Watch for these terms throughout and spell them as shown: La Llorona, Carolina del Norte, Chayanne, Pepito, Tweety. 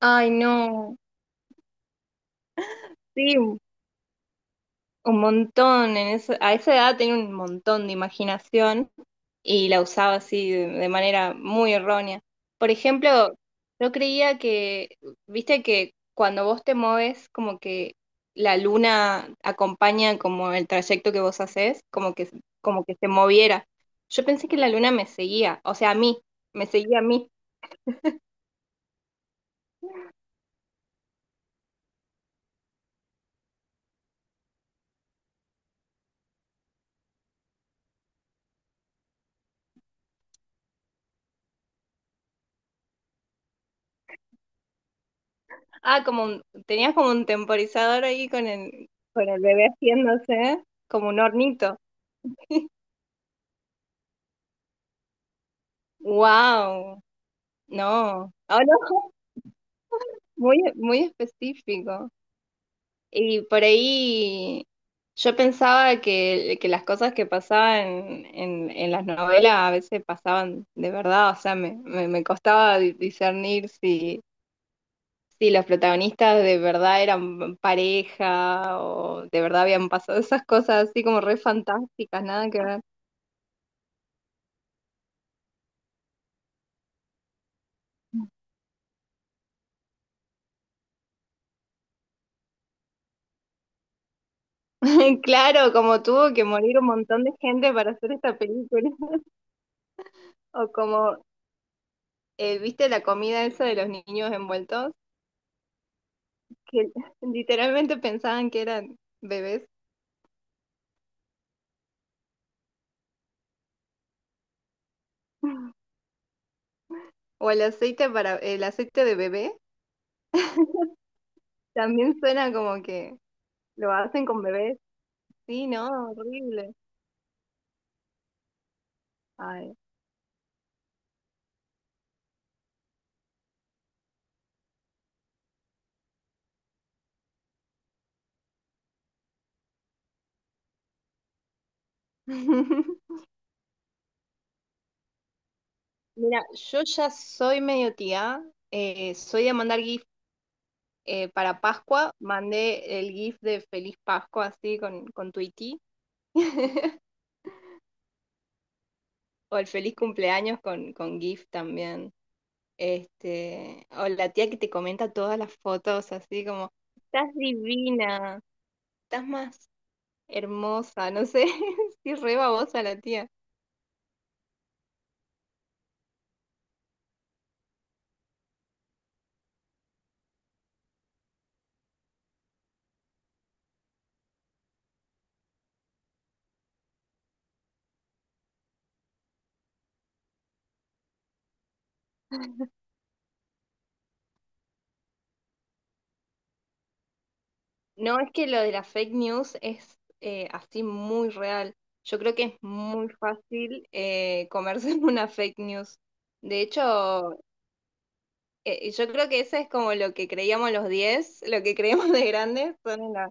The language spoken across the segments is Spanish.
Ay, no, sí, un montón. A esa edad tenía un montón de imaginación y la usaba así de manera muy errónea. Por ejemplo, yo creía que, viste que cuando vos te mueves, como que la luna acompaña como el trayecto que vos haces, como que se moviera. Yo pensé que la luna me seguía, o sea, a mí, me seguía a mí. Ah, tenías como un temporizador ahí con el, bebé haciéndose, como un hornito. Wow, no, ah, no. Muy, muy específico. Y por ahí yo pensaba que las cosas que pasaban en las novelas a veces pasaban de verdad, o sea, me costaba discernir si los protagonistas de verdad eran pareja o de verdad habían pasado esas cosas así como re fantásticas, nada que ver. Claro, como tuvo que morir un montón de gente para hacer esta película, o como, ¿viste la comida esa de los niños envueltos? Que literalmente pensaban que eran bebés, o el aceite de bebé, también suena como que lo hacen con bebés. Sí, no, horrible. Ay. Mira, yo ya soy medio tía, soy de mandar GIF para Pascua, mandé el GIF de Feliz Pascua así con, Tweety. O el feliz cumpleaños con, GIF también. Este, o la tía que te comenta todas las fotos, así como, estás divina, estás más hermosa, no sé, si re babosa la tía. No, es que lo de la fake news es así muy real. Yo creo que es muy fácil comerse una fake news. De hecho, yo creo que eso es como lo que creíamos los 10 lo que creíamos de grandes.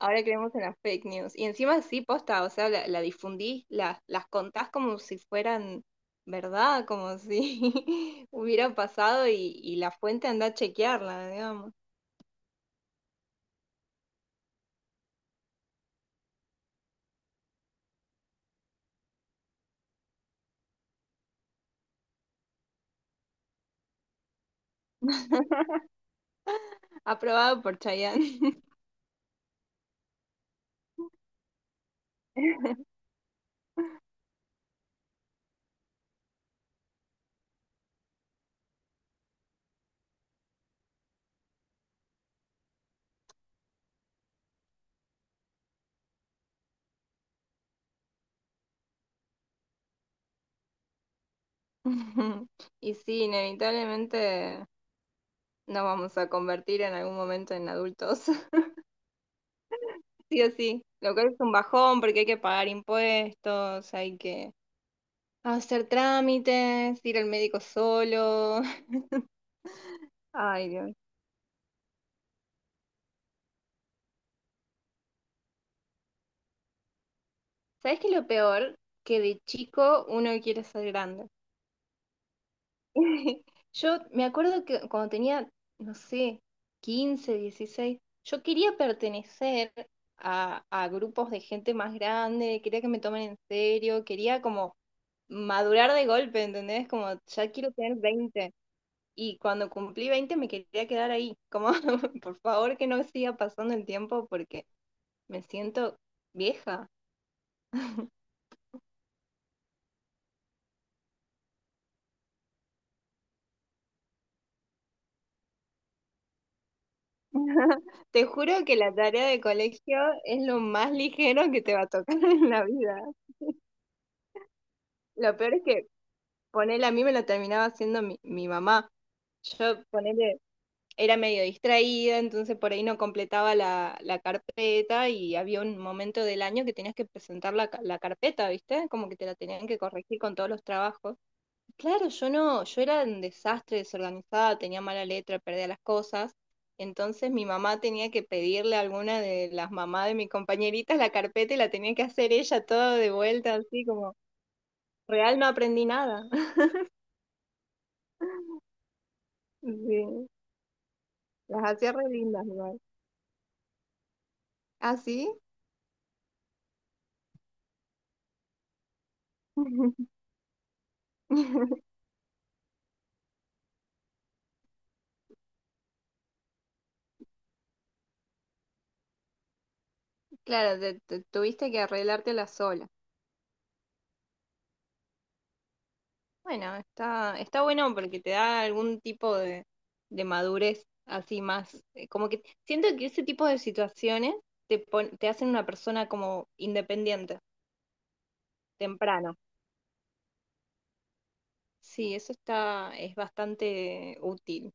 Ahora creemos en las fake news. Y encima sí, posta, o sea, la difundís, las contás como si fueran verdad, como si hubiera pasado y la fuente anda a chequearla, digamos. Aprobado por Chayanne. Y sí, inevitablemente nos vamos a convertir en algún momento en adultos, sí o sí. Lo cual es un bajón porque hay que pagar impuestos, hay que hacer trámites, ir al médico solo. Ay, Dios. ¿Sabes qué es lo peor? Que de chico uno quiere ser grande. Yo me acuerdo que cuando tenía, no sé, 15, 16, yo quería pertenecer a grupos de gente más grande, quería que me tomen en serio, quería como madurar de golpe, ¿entendés? Como ya quiero tener 20. Y cuando cumplí 20 me quería quedar ahí, como por favor que no siga pasando el tiempo porque me siento vieja. Te juro que la tarea de colegio es lo más ligero que te va a tocar en la vida. Lo peor es que ponele a mí me lo terminaba haciendo mi mamá. Yo ponele, era medio distraída, entonces por ahí no completaba la carpeta y había un momento del año que tenías que presentar la carpeta, ¿viste? Como que te la tenían que corregir con todos los trabajos. Claro, yo no, yo era un desastre, desorganizada, tenía mala letra, perdía las cosas. Entonces mi mamá tenía que pedirle a alguna de las mamás de mis compañeritas la carpeta y la tenía que hacer ella todo de vuelta, así como, real no aprendí nada. Sí, las hacía re lindas igual. ¿Ah, sí? Claro, tuviste que arreglártela sola. Bueno, está, está bueno porque te da algún tipo de madurez así más, como que siento que ese tipo de situaciones te hacen una persona como independiente, temprano. Sí, eso está, es bastante útil.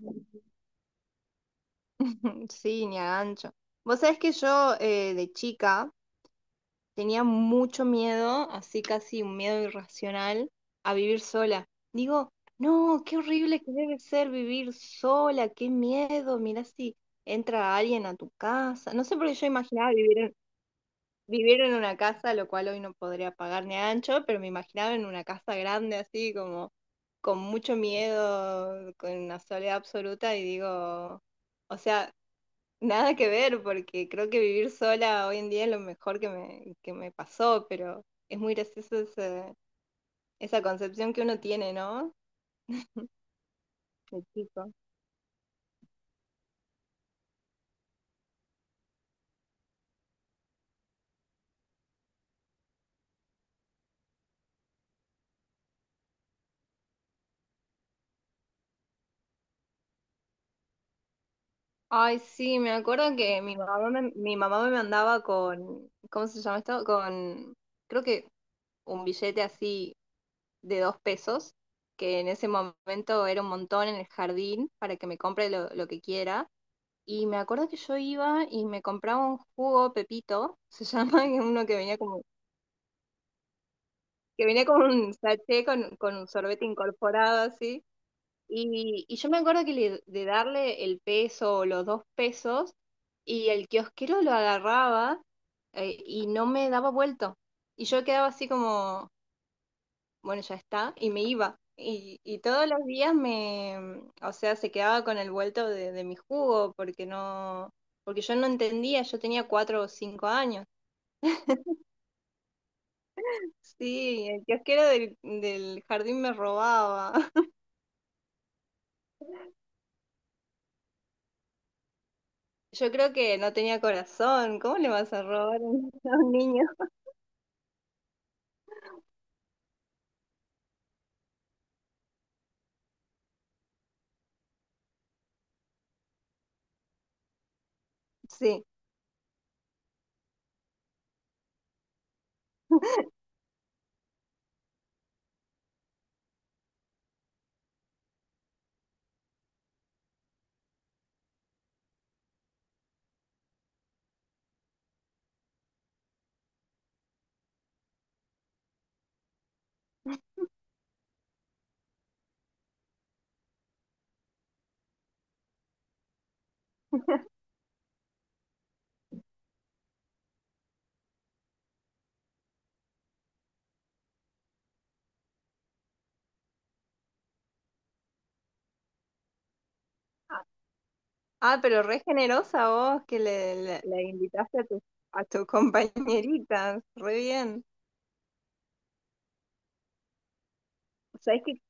Sí, ni a gancho. Vos sabés que yo de chica tenía mucho miedo, así casi un miedo irracional, a vivir sola. Digo, no, qué horrible que debe ser vivir sola, qué miedo, mira si entra alguien a tu casa. No sé por qué yo imaginaba vivir en una casa, lo cual hoy no podría pagar ni a ancho, pero me imaginaba en una casa grande así, como con mucho miedo, con una soledad absoluta, y digo, o sea, nada que ver, porque creo que vivir sola hoy en día es lo mejor que que me pasó, pero es muy gracioso esa concepción que uno tiene, ¿no? De chico. Ay, sí, me acuerdo que mi mamá me mandaba con, ¿cómo se llama esto? Con, creo que un billete así de 2 pesos, que en ese momento era un montón en el jardín para que me compre lo que quiera. Y me acuerdo que yo iba y me compraba un jugo Pepito, se llama, que es uno que venía como que venía con un sachet, con, un sorbete incorporado así. Y yo me acuerdo que de darle el peso o los 2 pesos y el kiosquero lo agarraba y no me daba vuelto. Y yo quedaba así como, bueno, ya está, y me iba. Y todos los días me, o sea, se quedaba con el vuelto de mi jugo porque no, porque yo no entendía, yo tenía 4 o 5 años. Sí, el kiosquero del jardín me robaba. Yo creo que no tenía corazón. ¿Cómo le vas a robar a un a un niño? Sí. Ah, pero re generosa vos que le invitaste a tu compañerita. Re bien. ¿Sabés que,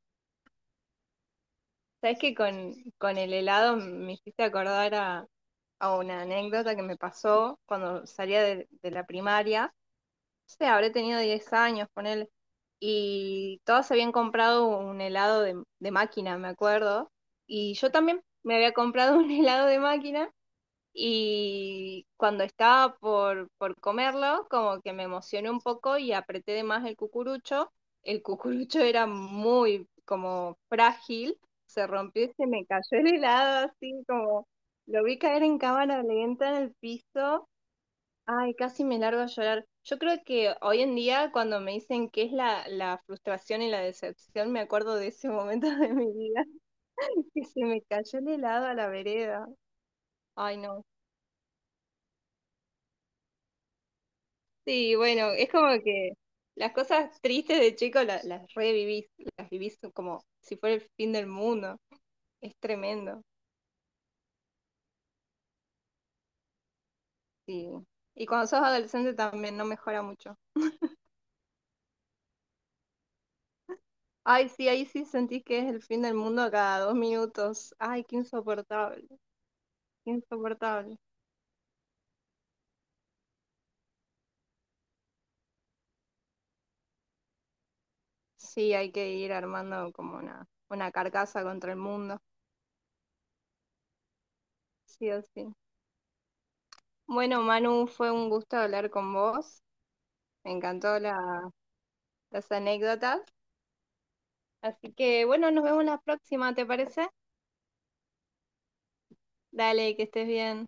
sabés que con, el helado me hiciste acordar a una anécdota que me pasó cuando salía de la primaria? Sé, habré tenido 10 años, ponele. Y todas habían comprado un helado de máquina, me acuerdo. Y yo también me había comprado un helado de máquina. Y cuando estaba por comerlo, como que me emocioné un poco y apreté de más el cucurucho. El cucurucho era muy como frágil, se rompió y se me cayó el helado así como lo vi caer en cámara lenta en el piso. Ay, casi me largo a llorar. Yo creo que hoy en día, cuando me dicen qué es la frustración y la decepción, me acuerdo de ese momento de mi vida que se me cayó el helado a la vereda. Ay, no. Sí, bueno, es como que las cosas tristes de chico las, revivís, las vivís como si fuera el fin del mundo. Es tremendo. Sí. Y cuando sos adolescente también no mejora mucho. Ay, sí, ahí sí sentís que es el fin del mundo cada 2 minutos. Ay, qué insoportable, qué insoportable. Sí, hay que ir armando como una carcasa contra el mundo, sí o sí. Bueno, Manu, fue un gusto hablar con vos. Me encantó las anécdotas. Así que bueno, nos vemos la próxima, ¿te parece? Dale, que estés bien.